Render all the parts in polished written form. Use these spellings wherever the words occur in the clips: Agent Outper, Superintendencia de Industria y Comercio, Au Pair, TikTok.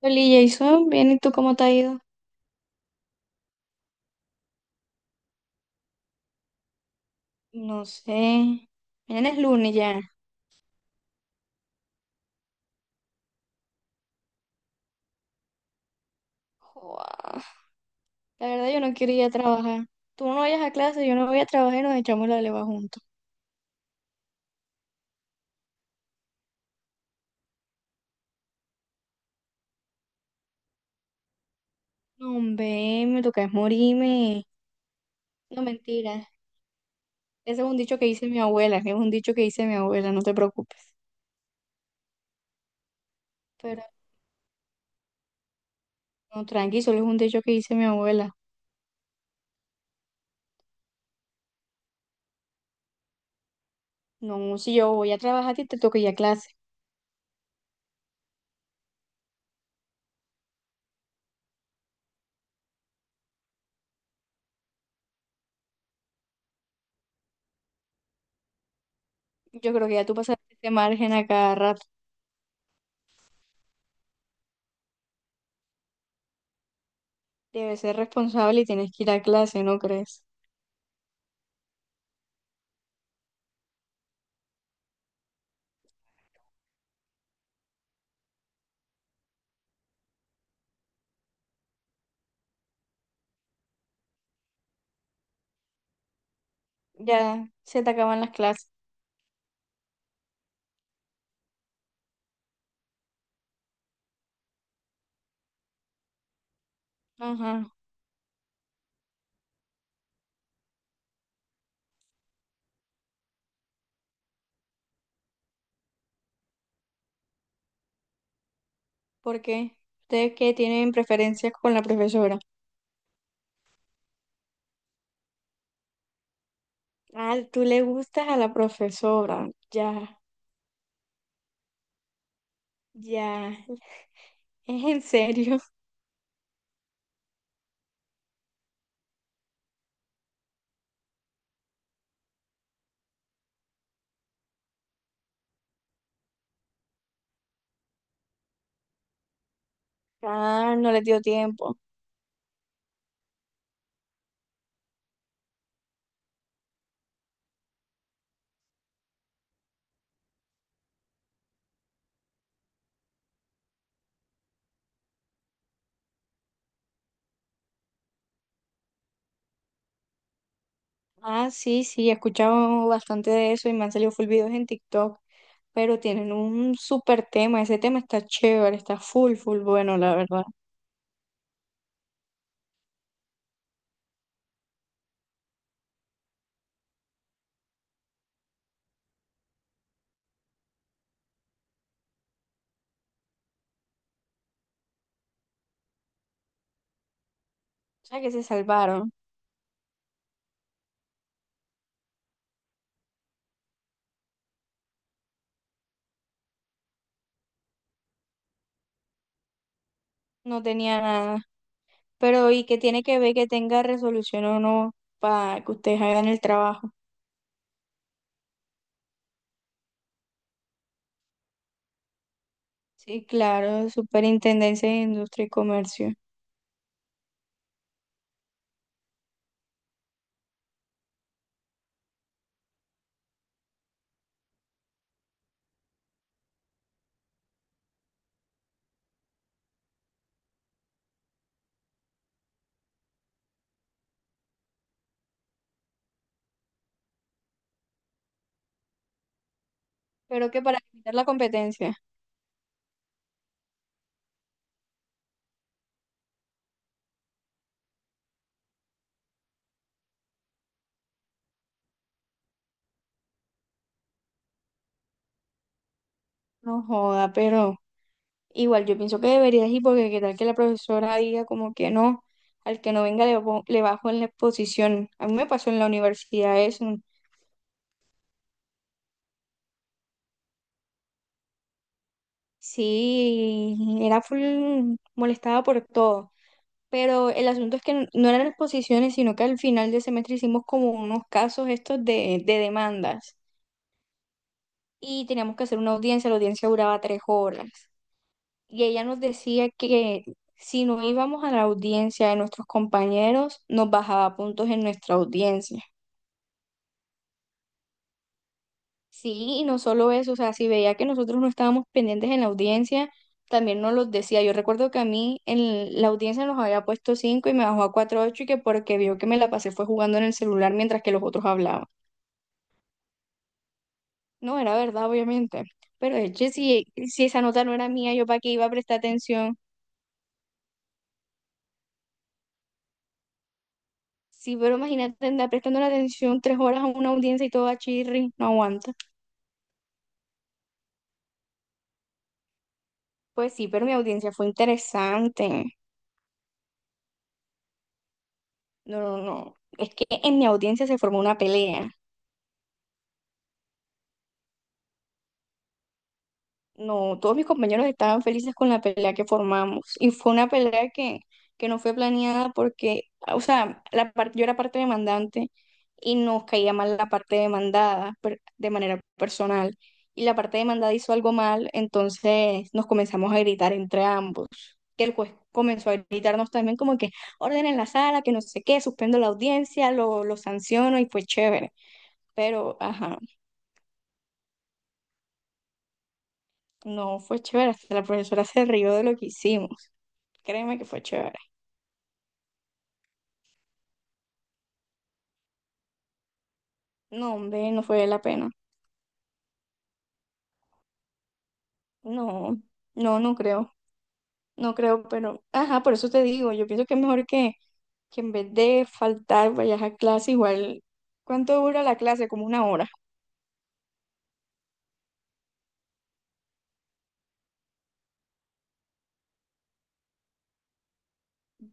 Oli, Jason, bien, ¿y tú cómo te ha ido? No sé. Mañana es lunes ya. Joa, la verdad, yo no quiero ir a trabajar. Tú no vayas a clase, yo no voy a trabajar y nos echamos la leva juntos. No, hombre, me toca es morirme. No, mentira. Ese es un dicho que dice mi abuela. Es un dicho que dice mi abuela, no te preocupes. Pero no, tranqui, solo es un dicho que dice mi abuela. No, si yo voy a trabajar, a ti te toca ir a clase. Yo creo que ya tú pasaste este margen a cada rato. Debes ser responsable y tienes que ir a clase, ¿no crees? Ya se te acaban las clases. Ajá. ¿Por qué? ¿Ustedes qué tienen preferencias con la profesora? Ah, tú le gustas a la profesora. Ya, ya. ¿Es en serio? Ah, no les dio tiempo. Ah, sí, sí, he escuchado bastante de eso y me han salido full videos en TikTok. Pero tienen un súper tema. Ese tema está chévere, está full, full bueno, la verdad. O sea que se salvaron. No tenía nada. Pero ¿y qué tiene que ver que tenga resolución o no para que ustedes hagan el trabajo? Sí, claro, Superintendencia de Industria y Comercio. Pero que para limitar la competencia. No joda, pero igual yo pienso que deberías ir porque qué tal que la profesora diga como que no, al que no venga le, le bajo en la exposición. A mí me pasó en la universidad eso. Sí, era full molestada por todo. Pero el asunto es que no eran exposiciones, sino que al final del semestre hicimos como unos casos estos de, demandas y teníamos que hacer una audiencia, la audiencia duraba 3 horas y ella nos decía que si no íbamos a la audiencia de nuestros compañeros, nos bajaba puntos en nuestra audiencia. Sí, y no solo eso, o sea, si veía que nosotros no estábamos pendientes en la audiencia, también nos los decía. Yo recuerdo que a mí en la audiencia nos había puesto 5 y me bajó a cuatro ocho y que porque vio que me la pasé fue jugando en el celular mientras que los otros hablaban. No, era verdad, obviamente. Pero de hecho, si, esa nota no era mía, yo para qué iba a prestar atención. Sí, pero imagínate andar prestando la atención 3 horas a una audiencia y todo a chirri, no aguanta. Pues sí, pero mi audiencia fue interesante. No, no, no. Es que en mi audiencia se formó una pelea. No, todos mis compañeros estaban felices con la pelea que formamos y fue una pelea que no fue planeada porque, o sea, yo era parte demandante y nos caía mal la parte demandada de manera personal y la parte demandada hizo algo mal, entonces nos comenzamos a gritar entre ambos. Que el juez comenzó a gritarnos también como que ordenen la sala, que no sé qué, suspendo la audiencia, lo sanciono y fue chévere. Pero, ajá, no fue chévere, hasta la profesora se rió de lo que hicimos. Créeme que fue chévere. No, hombre, no fue la pena. No, no, no creo. No creo, pero, ajá, por eso te digo, yo pienso que es mejor que en vez de faltar, vayas a clase igual. ¿Cuánto dura la clase? Como 1 hora.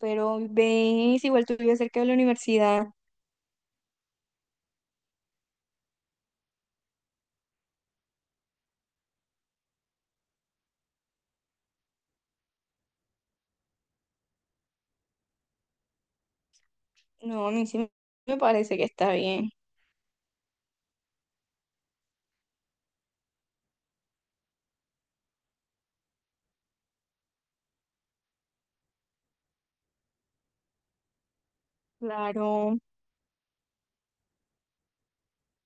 Pero ves, igual tú vives cerca de la universidad. No, a mí sí me parece que está bien. Claro,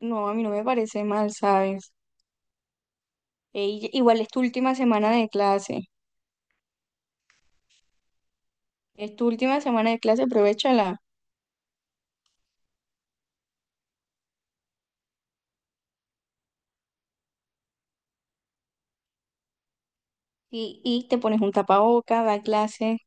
no, a mí no me parece mal, ¿sabes? E- y- igual es tu última semana de clase. Es tu última semana de clase, aprovechala. Y te pones un tapaboca, da clases.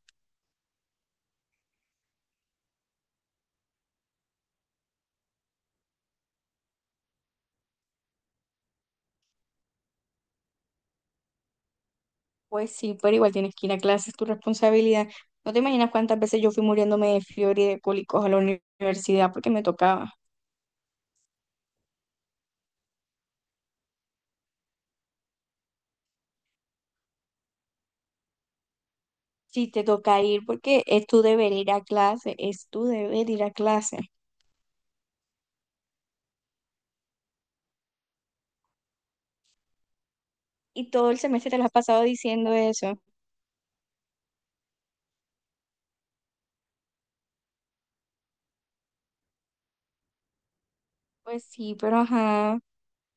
Pues sí, pero igual tienes que ir a clases, tu responsabilidad. No te imaginas cuántas veces yo fui muriéndome de fiebre y de cólicos a la universidad porque me tocaba. Sí, te toca ir porque es tu deber ir a clase, es tu deber ir a clase. Y todo el semestre te lo has pasado diciendo eso. Pues sí, pero ajá,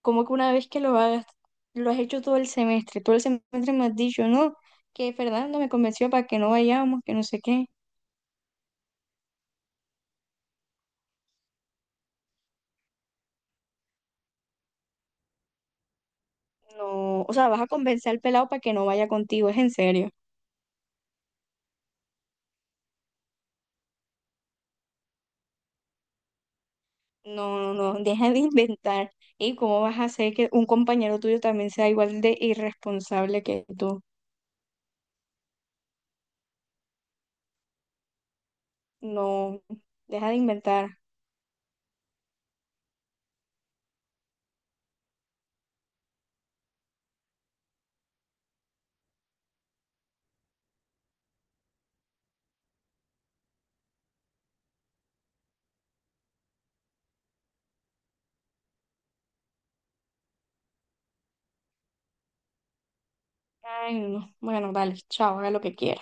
como que una vez que lo hagas, lo has hecho todo el semestre me has dicho, no, que Fernando me convenció para que no vayamos, que no sé qué. No, o sea, vas a convencer al pelado para que no vaya contigo, es en serio. No, no, no, deja de inventar. ¿Y cómo vas a hacer que un compañero tuyo también sea igual de irresponsable que tú? No, deja de inventar. Ay, no, no. Bueno, vale, chao, haga lo que quiera.